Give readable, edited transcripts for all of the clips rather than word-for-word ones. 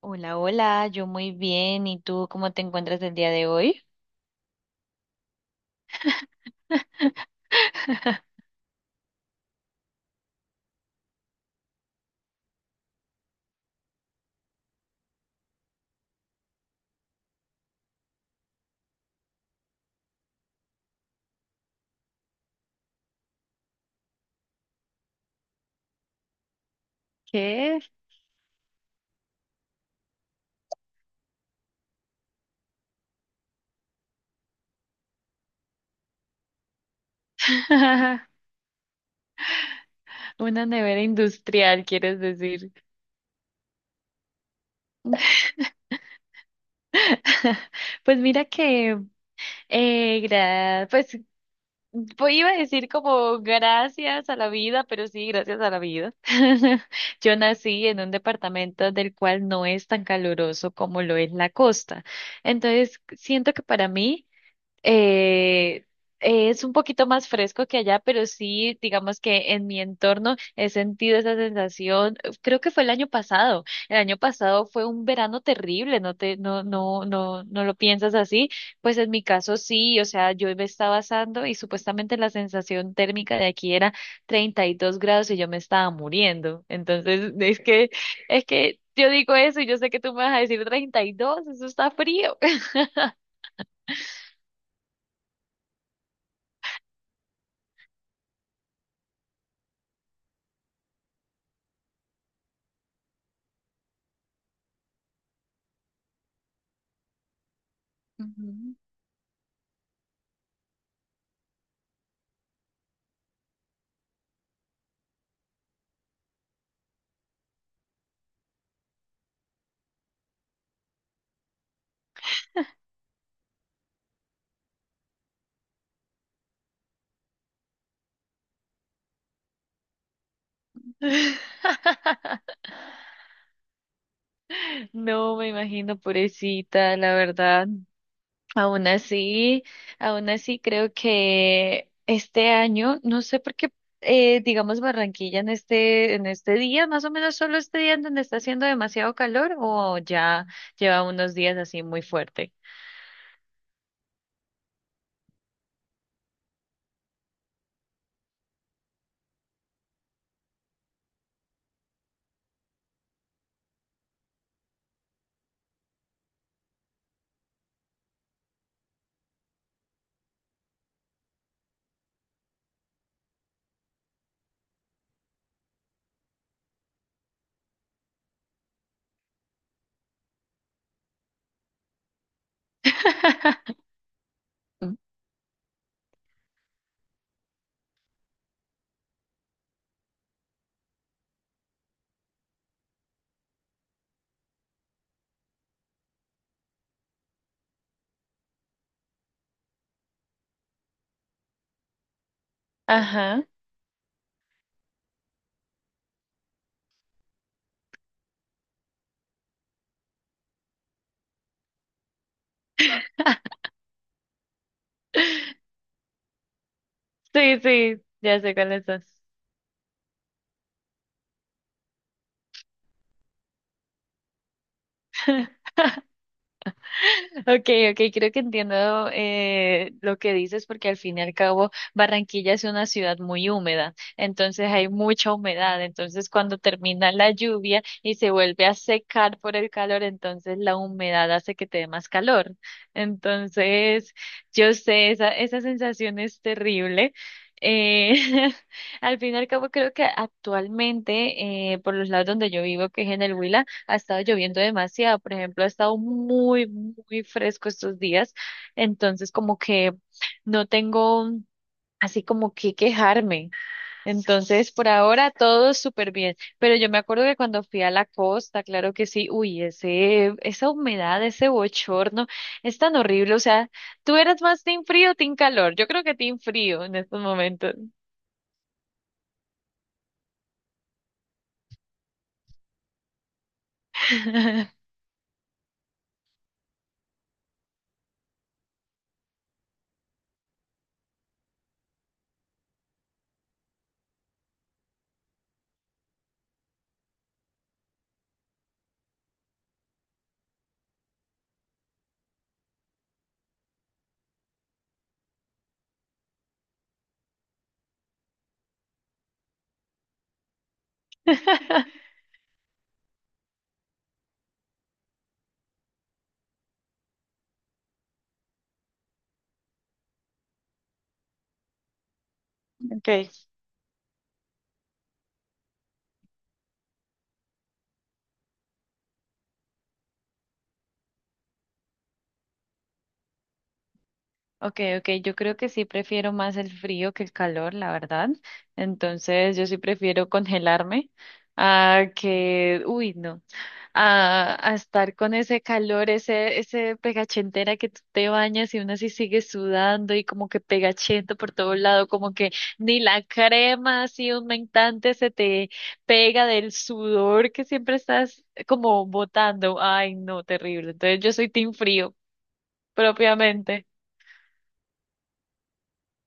Hola, hola, yo muy bien. ¿Y tú cómo te encuentras el día de hoy? ¿Qué? Una nevera industrial, quieres decir. Pues mira que, eh, gra- pues pues iba a decir como gracias a la vida, pero sí, gracias a la vida. Yo nací en un departamento del cual no es tan caluroso como lo es la costa. Entonces, siento que para mí, eh, es un poquito más fresco que allá, pero sí, digamos que en mi entorno he sentido esa sensación. Creo que fue el año pasado. El año pasado fue un verano terrible, no te, no, no, no, no lo piensas así. Pues en mi caso sí, o sea, yo me estaba asando y supuestamente la sensación térmica de aquí era 32 grados y yo me estaba muriendo. Entonces, es que yo digo eso y yo sé que tú me vas a decir 32, eso está frío. No me imagino, pobrecita, la verdad. Aún así, aún así creo que este año, no sé por qué, digamos Barranquilla en este día, más o menos solo este día en donde está haciendo demasiado calor o ya lleva unos días así muy fuerte. Ajá, sí, sí, ya sé cuáles son. Okay, okay, creo que entiendo lo que dices, porque al fin y al cabo Barranquilla es una ciudad muy húmeda, entonces hay mucha humedad, entonces cuando termina la lluvia y se vuelve a secar por el calor, entonces la humedad hace que te dé más calor. Entonces, yo sé, esa sensación es terrible. Eh, Al fin y al cabo creo que actualmente, por los lados donde yo vivo, que es en el Huila, ha estado lloviendo demasiado. Por ejemplo, ha estado muy, muy fresco estos días, entonces como que no tengo así como que quejarme. Entonces, por ahora todo súper bien, pero yo me acuerdo que cuando fui a la costa, claro que sí, uy, esa humedad, ese bochorno es tan horrible, o sea, ¿tú eras más team frío o team calor? Yo creo que team frío en estos momentos. Ok. Okay, okay, yo creo que sí prefiero más el frío que el calor, la verdad. Entonces, yo sí prefiero congelarme a que, uy, no, a estar con ese calor, ese pegachentera que tú te bañas y uno así sigue sudando y como que pegachento por todo lado, como que ni la crema así mentante se te pega del sudor que siempre estás como botando. Ay, no, terrible. Entonces, yo soy team frío, propiamente.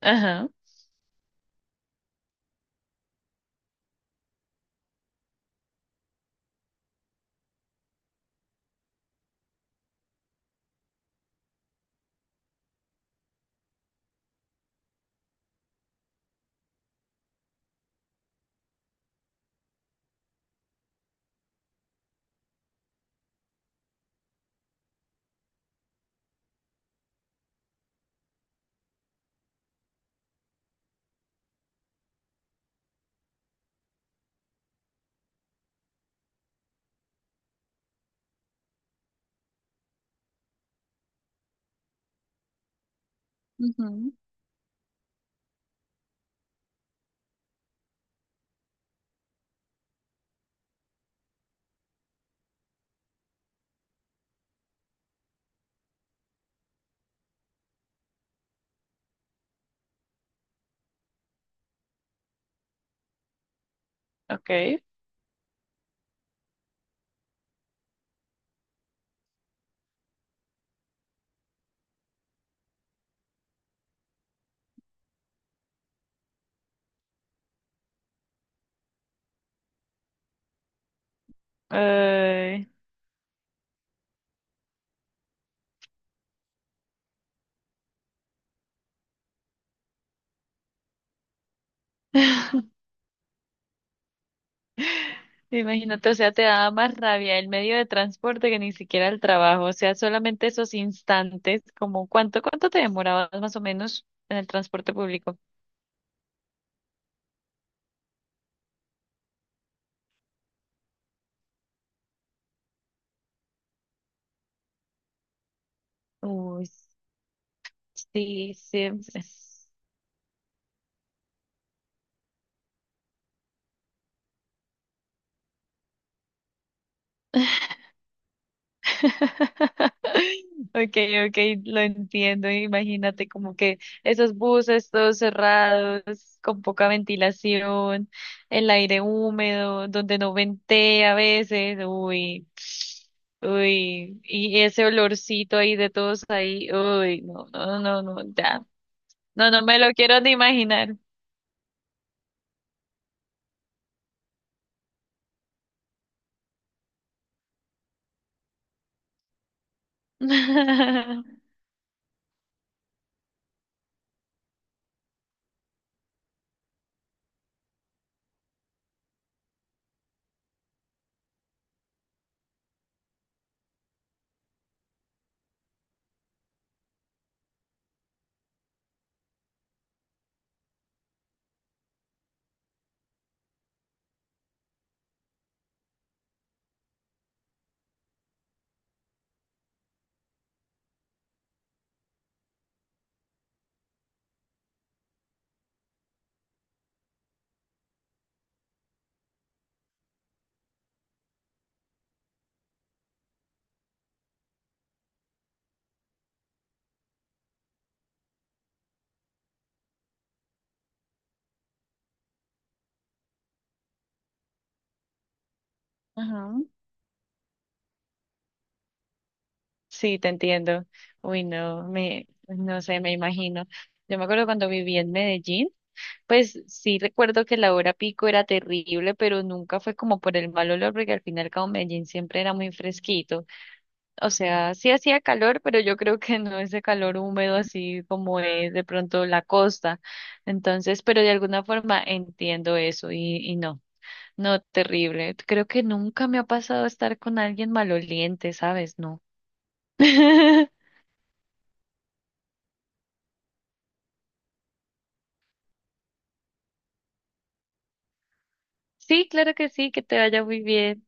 Ajá. Ok. Ay. Imagínate, o sea, te daba más rabia el medio de transporte que ni siquiera el trabajo, o sea, solamente esos instantes. ¿Como cuánto, te demorabas más o menos en el transporte público? Uy, sí, sí. Okay, okay, lo entiendo. Imagínate como que esos buses todos cerrados, con poca ventilación, el aire húmedo, donde no ventea a veces. Uy, uy, y ese olorcito ahí de todos ahí, uy, no, no, no, no, ya, no, no me lo quiero ni imaginar. Ajá. Sí, te entiendo. Uy, no, no sé, me imagino. Yo me acuerdo cuando viví en Medellín. Pues sí recuerdo que la hora pico era terrible, pero nunca fue como por el mal olor, porque al final como Medellín siempre era muy fresquito. O sea, sí hacía calor, pero yo creo que no ese calor húmedo así como es de pronto la costa. Entonces, pero de alguna forma entiendo eso, y no, no, terrible. Creo que nunca me ha pasado estar con alguien maloliente, ¿sabes? No. Sí, claro que sí, que te vaya muy bien.